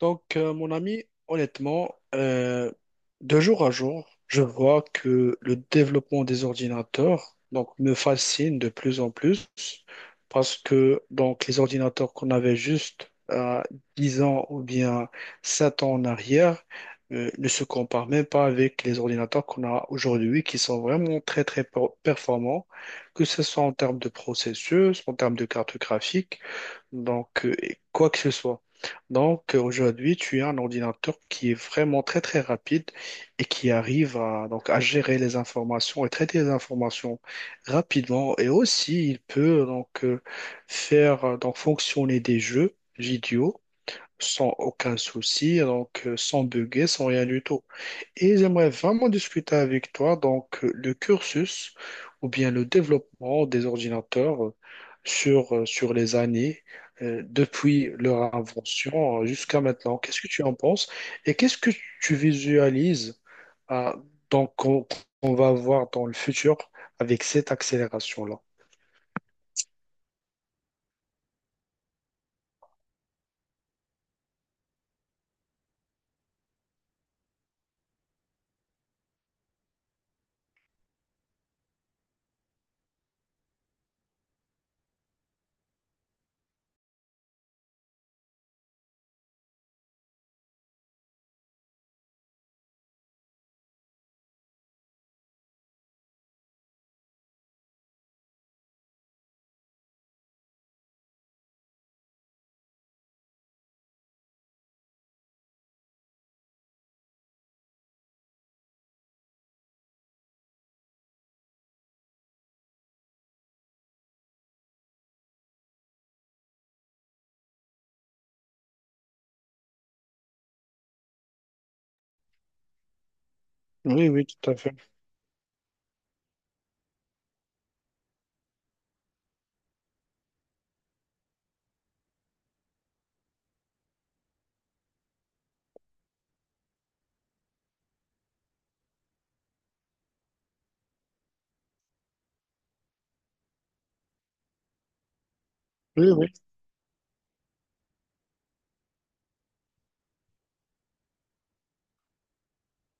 Mon ami, honnêtement, euh, de jour à jour, je vois que le développement des ordinateurs donc, me fascine de plus en plus parce que donc, les ordinateurs qu'on avait juste à 10 ans ou bien 7 ans en arrière ne se comparent même pas avec les ordinateurs qu'on a aujourd'hui qui sont vraiment très très performants, que ce soit en termes de processus, en termes de carte graphique et quoi que ce soit. Donc, aujourd'hui, tu as un ordinateur qui est vraiment très très rapide et qui arrive à, donc, à gérer les informations et traiter les informations rapidement. Et aussi, il peut faire donc fonctionner des jeux vidéo sans aucun souci, sans bugger, sans rien du tout. Et j'aimerais vraiment discuter avec toi le cursus ou bien le développement des ordinateurs sur, sur les années depuis leur invention jusqu'à maintenant. Qu'est-ce que tu en penses et qu'est-ce que tu visualises euh, donc qu'on va voir dans le futur avec cette accélération-là? Oui, oui, tout à fait. Oui, oui,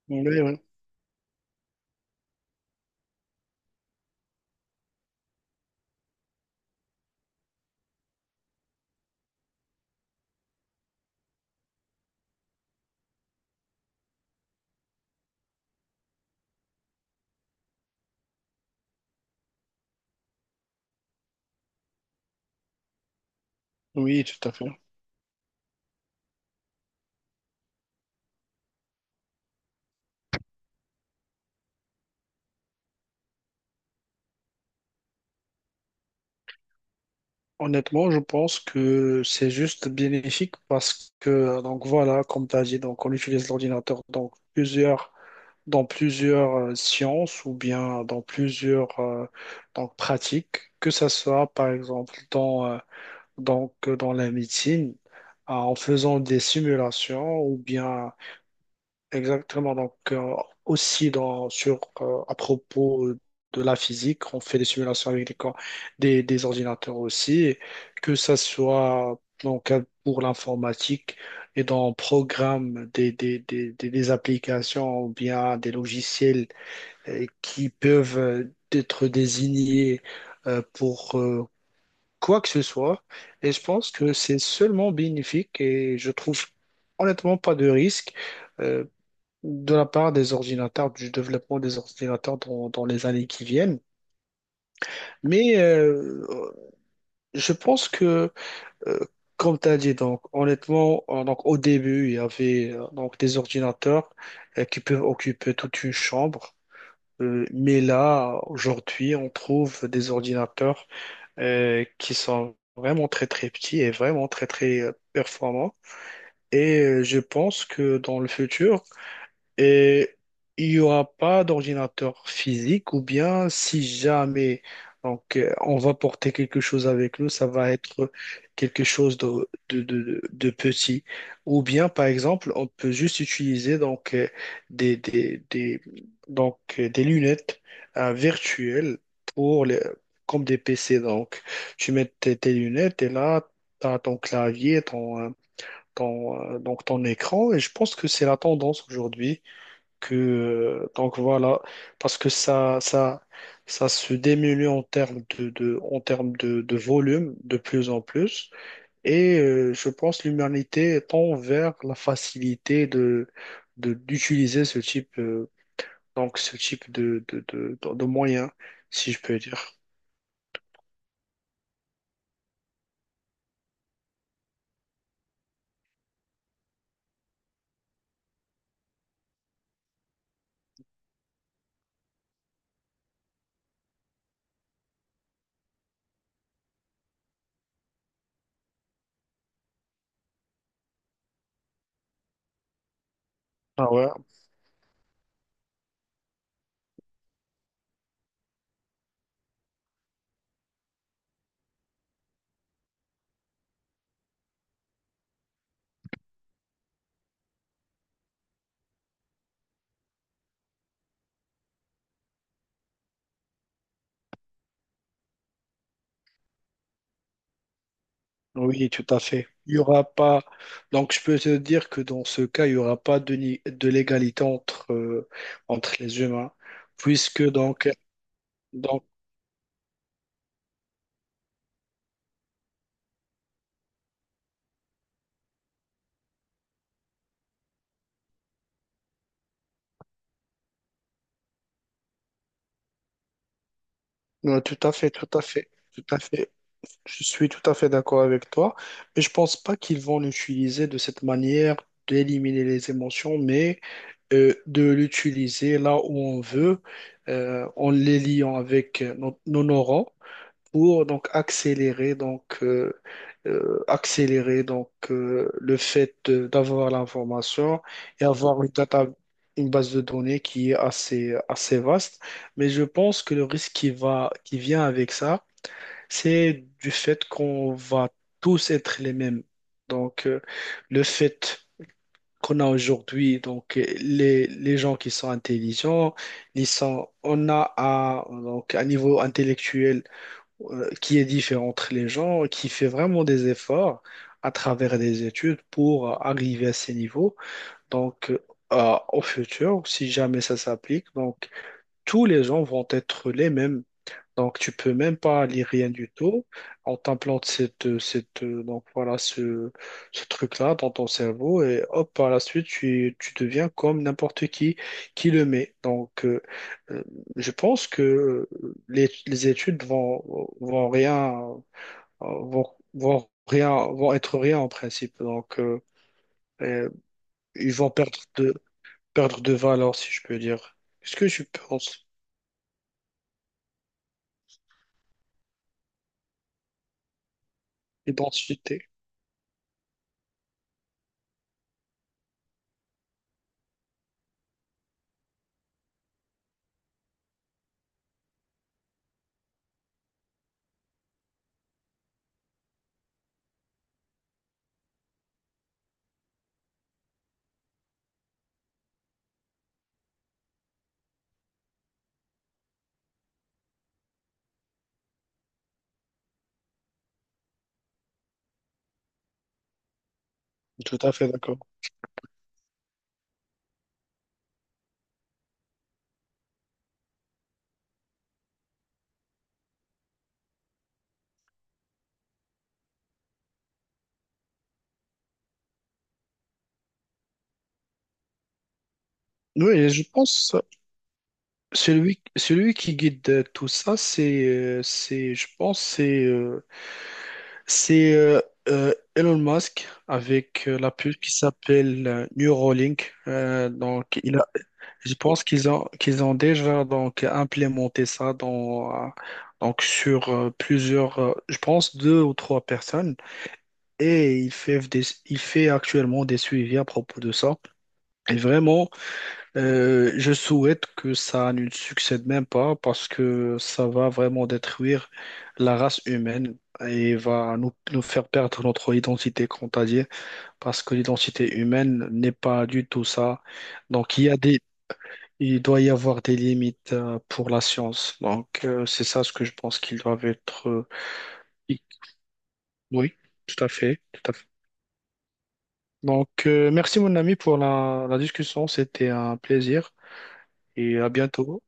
oui, oui, oui, tout à fait. Honnêtement, je pense que c'est juste bénéfique parce que, donc voilà, comme tu as dit, donc on utilise l'ordinateur dans plusieurs, dans plusieurs sciences ou bien dans plusieurs donc, pratiques, que ce soit par exemple dans, donc, dans la médecine, en faisant des simulations ou bien. Exactement. Aussi dans, sur, à propos de la physique, on fait des simulations avec des ordinateurs aussi, et que ça soit donc, pour l'informatique et dans le programme des applications ou bien des logiciels qui peuvent être désignés pour quoi que ce soit. Et je pense que c'est seulement bénéfique et je trouve honnêtement pas de risque. Euh, de la part des ordinateurs, du développement des ordinateurs dans, dans les années qui viennent. Mais je pense que, euh, comme tu as dit, donc, honnêtement, donc, au début, il y avait donc, des ordinateurs qui peuvent occuper toute une chambre. Mais là, aujourd'hui, on trouve des ordinateurs qui sont vraiment très, très petits et vraiment très, très performants. Et je pense que dans le futur, et il n'y aura pas d'ordinateur physique ou bien si jamais donc, on va porter quelque chose avec nous, ça va être quelque chose de petit. Ou bien, par exemple, on peut juste utiliser donc, des, des, des- donc, des lunettes virtuelles pour les, comme des PC. Donc, tu mets tes, tes lunettes et là, tu as ton clavier, ton, ton, donc, ton écran. Et je pense que c'est la tendance aujourd'hui que, donc voilà, parce que ça se diminue en termes de, en termes de volume de plus en plus. Et je pense que l'humanité tend vers la facilité de, d'utiliser ce type, donc ce type de moyens, si je peux dire. Ah ouais, oui, tout à fait. Il y aura pas. Donc, je peux te dire que dans ce cas, il y aura pas de, ni- de l'égalité entre, entre les humains, puisque donc. Donc. Non, tout à fait, tout à fait, tout à fait. Je suis tout à fait d'accord avec toi, mais je pense pas qu'ils vont l'utiliser de cette manière d'éliminer les émotions, mais de l'utiliser là où on veut, en les liant avec nos, nos neurones pour donc accélérer accélérer le fait d'avoir l'information et avoir une data, une base de données qui est assez assez vaste, mais je pense que le risque qui va qui vient avec ça, c'est du fait qu'on va tous être les mêmes. donc euh, le fait qu'on a aujourd'hui donc les gens qui sont intelligents, ils sont on a un, donc un niveau intellectuel qui est différent entre les gens, qui fait vraiment des efforts à travers des études pour arriver à ces niveaux. Donc, au futur, si jamais ça s'applique, donc tous les gens vont être les mêmes. Donc, tu peux même pas lire rien du tout. On t'implante donc voilà, ce truc-là dans ton cerveau et hop, par la suite, tu deviens comme n'importe qui le met. Donc, euh, je pense que les études vont, vont rien, euh, vont, vont rien, vont être rien en principe. Donc, euh, ils vont perdre de valeur, si je peux dire. Est-ce que je pense? Identité. Tout à fait d'accord. Oui, je pense. Celui qui guide tout ça, je pense, c'est Elon Musk avec la puce qui s'appelle Neuralink. Donc, il a, je pense qu'ils ont déjà donc implémenté ça dans, donc sur plusieurs, je pense 2 ou 3 personnes, et il fait des, il fait actuellement des suivis à propos de ça. Et vraiment. Je souhaite que ça ne succède même pas parce que ça va vraiment détruire la race humaine et va nous, nous faire perdre notre identité, comme t'as dit, parce que l'identité humaine n'est pas du tout ça. Donc il y a des, il doit y avoir des limites pour la science. C'est ça ce que je pense qu'ils doivent être. I- Oui, tout à fait, tout à fait. Donc, merci mon ami pour la discussion, c'était un plaisir et à bientôt.